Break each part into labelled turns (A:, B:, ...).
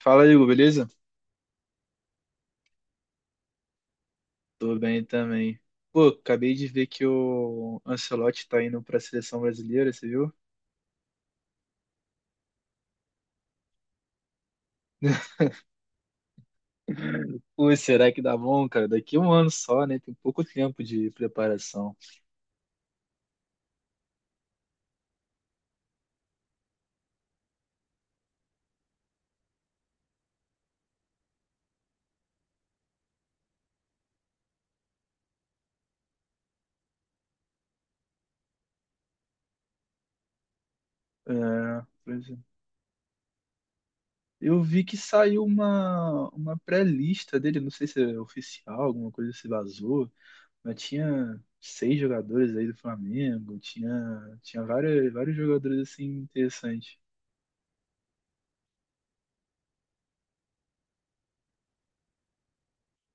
A: Fala, Igor, beleza? Tô bem também. Pô, acabei de ver que o Ancelotti tá indo pra seleção brasileira, você viu? Ui, será que dá bom, cara? Daqui a um ano só, né? Tem pouco tempo de preparação. É, pois é. Eu vi que saiu uma pré-lista dele, não sei se é oficial, alguma coisa se vazou, mas tinha seis jogadores aí do Flamengo, tinha vários jogadores assim interessantes.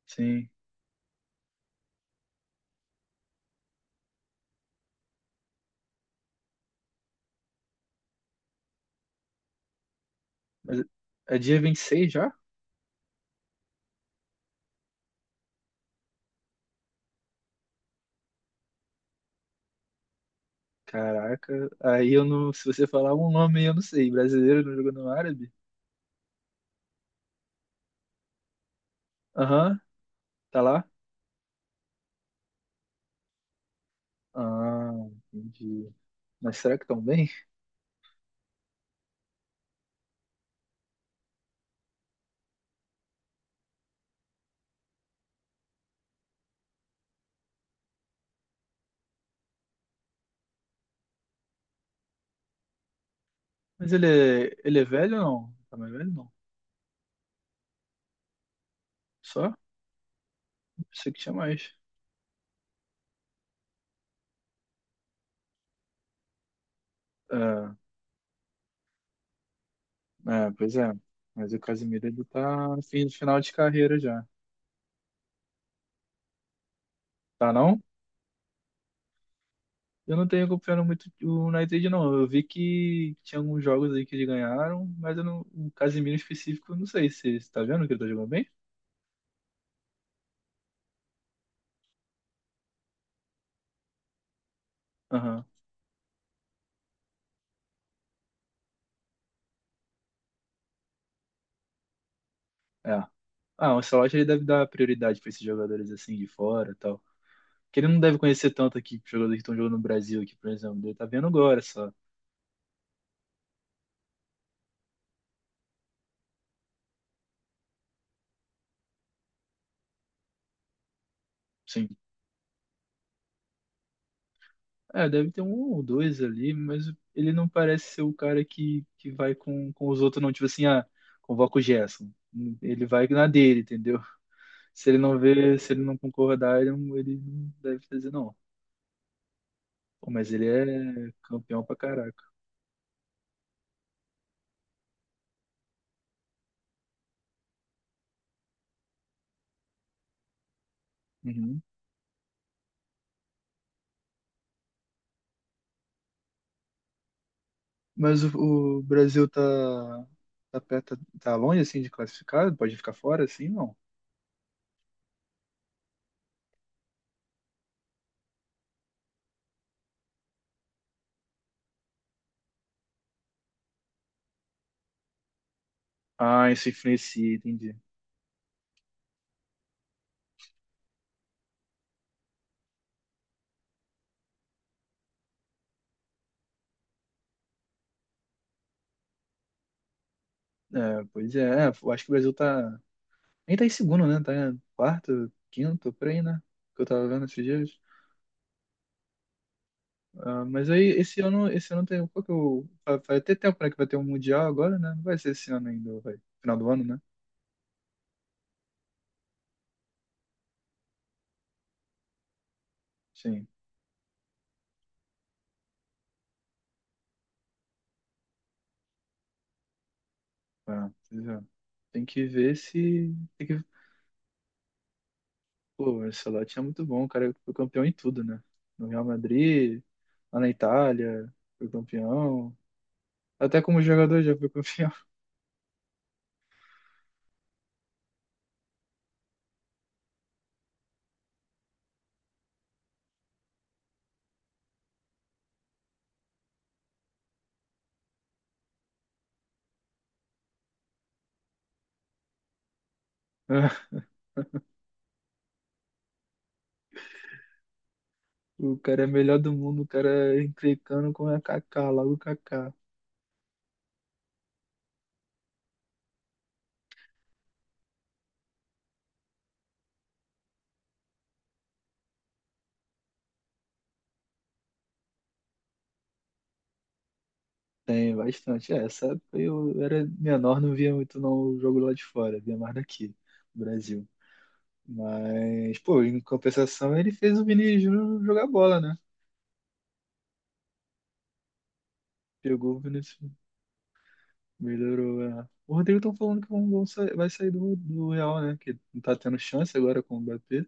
A: Sim. Mas é dia 26 já? Caraca, aí eu não. Se você falar um nome, eu não sei. Brasileiro não jogando árabe? Aham, tá lá? Ah, entendi. Mas será que estão bem? Mas ele é velho ou não? Tá mais velho não? Só? Pensei que tinha mais. Ah, é, pois é. Mas o Casemiro ele tá no final de carreira já. Tá não? Eu não tenho acompanhado muito o United não. Eu vi que tinha alguns jogos aí que eles ganharam, mas eu não, o Casemiro em específico, eu não sei se você tá vendo que ele tá jogando bem? Aham. É. Ah, o Ancelotti ele deve dar prioridade para esses jogadores assim de fora e tal. Porque ele não deve conhecer tanto aqui, jogadores que estão jogando no Brasil aqui, por exemplo. Ele tá vendo agora só. Sim. É, deve ter um ou dois ali, mas ele não parece ser o cara que vai com os outros, não. Tipo assim, ah, convoca o Gerson. Ele vai na dele, entendeu? Se ele não vê, se ele não concordar, ele não deve fazer, não. Pô, mas ele é campeão pra caraca. Uhum. Mas o Brasil tá perto, tá longe assim de classificar? Pode ficar fora assim, não? Ah, isso influencia, entendi. É, pois é, é, eu acho que o Brasil tá. Nem tá em segundo, né? Tá em quarto, quinto, por aí, né? Que eu tava vendo esses dias. Ah, mas aí esse ano tem. Qual que eu, vai ter tempo, né? Que vai ter um Mundial agora, né? Não vai ser esse ano ainda, vai. Final do ano, né? Sim. Ah, pois é. Tem que ver se. Tem que pô, o Ancelotti é muito bom, o cara foi campeão em tudo, né? No Real Madrid, lá na Itália, foi campeão. Até como jogador já foi campeão. O cara é melhor do mundo, o cara é encrencando com a Kaká, logo Kaká. Tem bastante. É, essa época eu era menor, não via muito não o jogo lá de fora, via mais daqui, no Brasil. Mas, pô, em compensação ele fez o Vini Júnior jogar bola, né? Pegou o Vini, melhorou, é. O Rodrigo estão falando que vai sair do Real, né? Que não tá tendo chance agora com o Mbappé.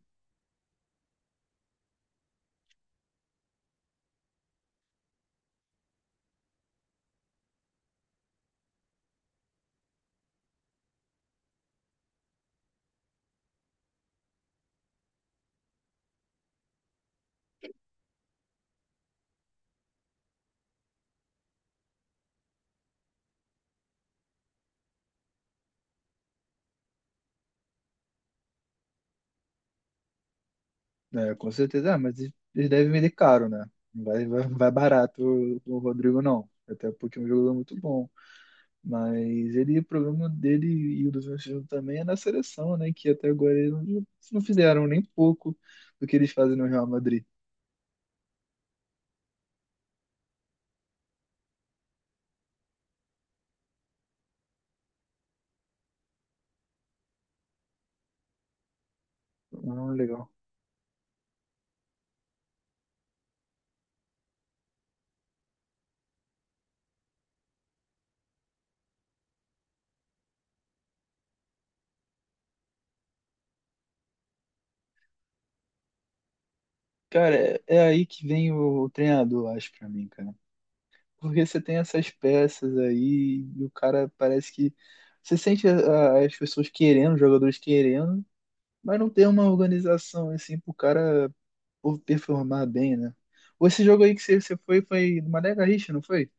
A: É, com certeza. Ah, mas eles devem vender caro, né? Não, vai barato o Rodrigo, não. Até porque é um jogador muito bom. Mas ele, o problema dele e o do Vinícius também é na seleção, né? Que até agora eles não fizeram nem pouco do que eles fazem no Real Madrid. Ah, legal. Cara, é aí que vem o treinador, acho, pra mim, cara. Porque você tem essas peças aí, e o cara parece que. Você sente as pessoas querendo, os jogadores querendo, mas não tem uma organização assim pro cara por performar bem, né? Ou esse jogo aí que você foi do Mané Garrincha, não foi?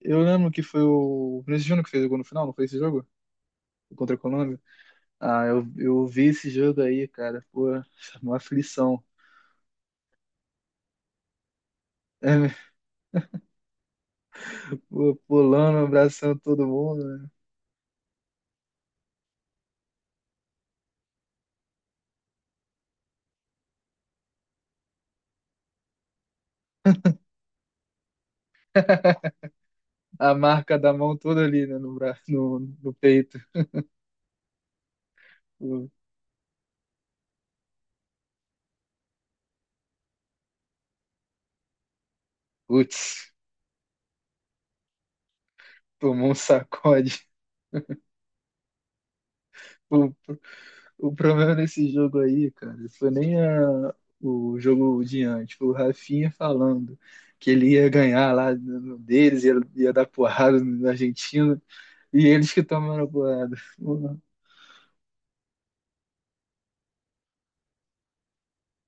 A: Eu lembro que foi o Vinícius Júnior que fez o gol no final, não foi esse jogo? Contra a Colômbia? Ah, eu vi esse jogo aí, cara. Pô, uma aflição. Pô, pulando, abraçando todo mundo, né? A marca da mão toda ali, né, no, bra... no, no peito. O- Putz, tomou um sacode. O, o problema desse jogo aí, cara, foi nem o jogo de antes, foi o Rafinha falando que ele ia ganhar lá no deles, ia dar porrada na Argentina, e eles que tomaram a porrada. Porra,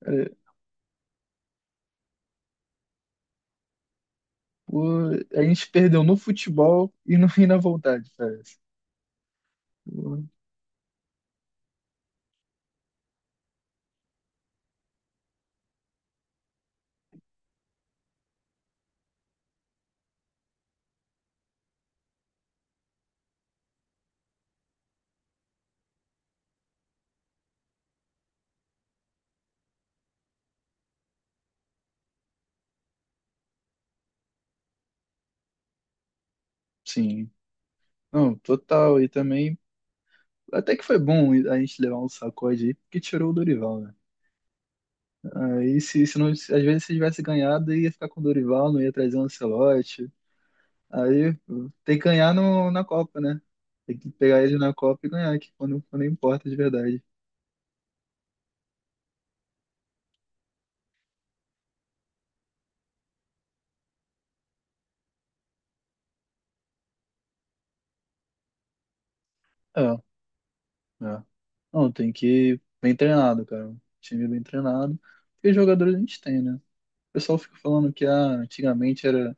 A: é, o- a gente perdeu no futebol e, no, e na vontade, parece. Porra, sim, não, total. E também, até que foi bom a gente levar um sacode aí, porque tirou o Dorival, né? Aí, se não, às vezes se tivesse ganhado, ia ficar com o Dorival, não ia trazer o Ancelotti. Aí tem que ganhar no, na Copa, né? Tem que pegar ele na Copa e ganhar, que quando importa de verdade. É, é. Não, tem que ir bem treinado, cara. Um time bem treinado. Porque jogadores a gente tem, né? O pessoal fica falando que ah, antigamente era,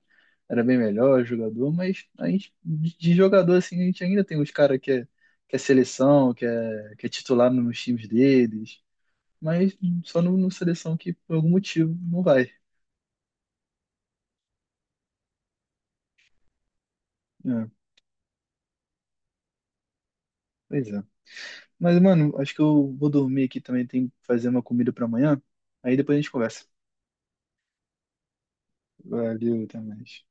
A: era bem melhor jogador, mas a gente, de jogador, assim, a gente ainda tem uns caras que é seleção, que é titular nos times deles. Mas só no seleção que por algum motivo não vai. É, pois é. Mas, mano, acho que eu vou dormir aqui também. Tem que fazer uma comida pra amanhã. Aí depois a gente conversa. Valeu, até mais.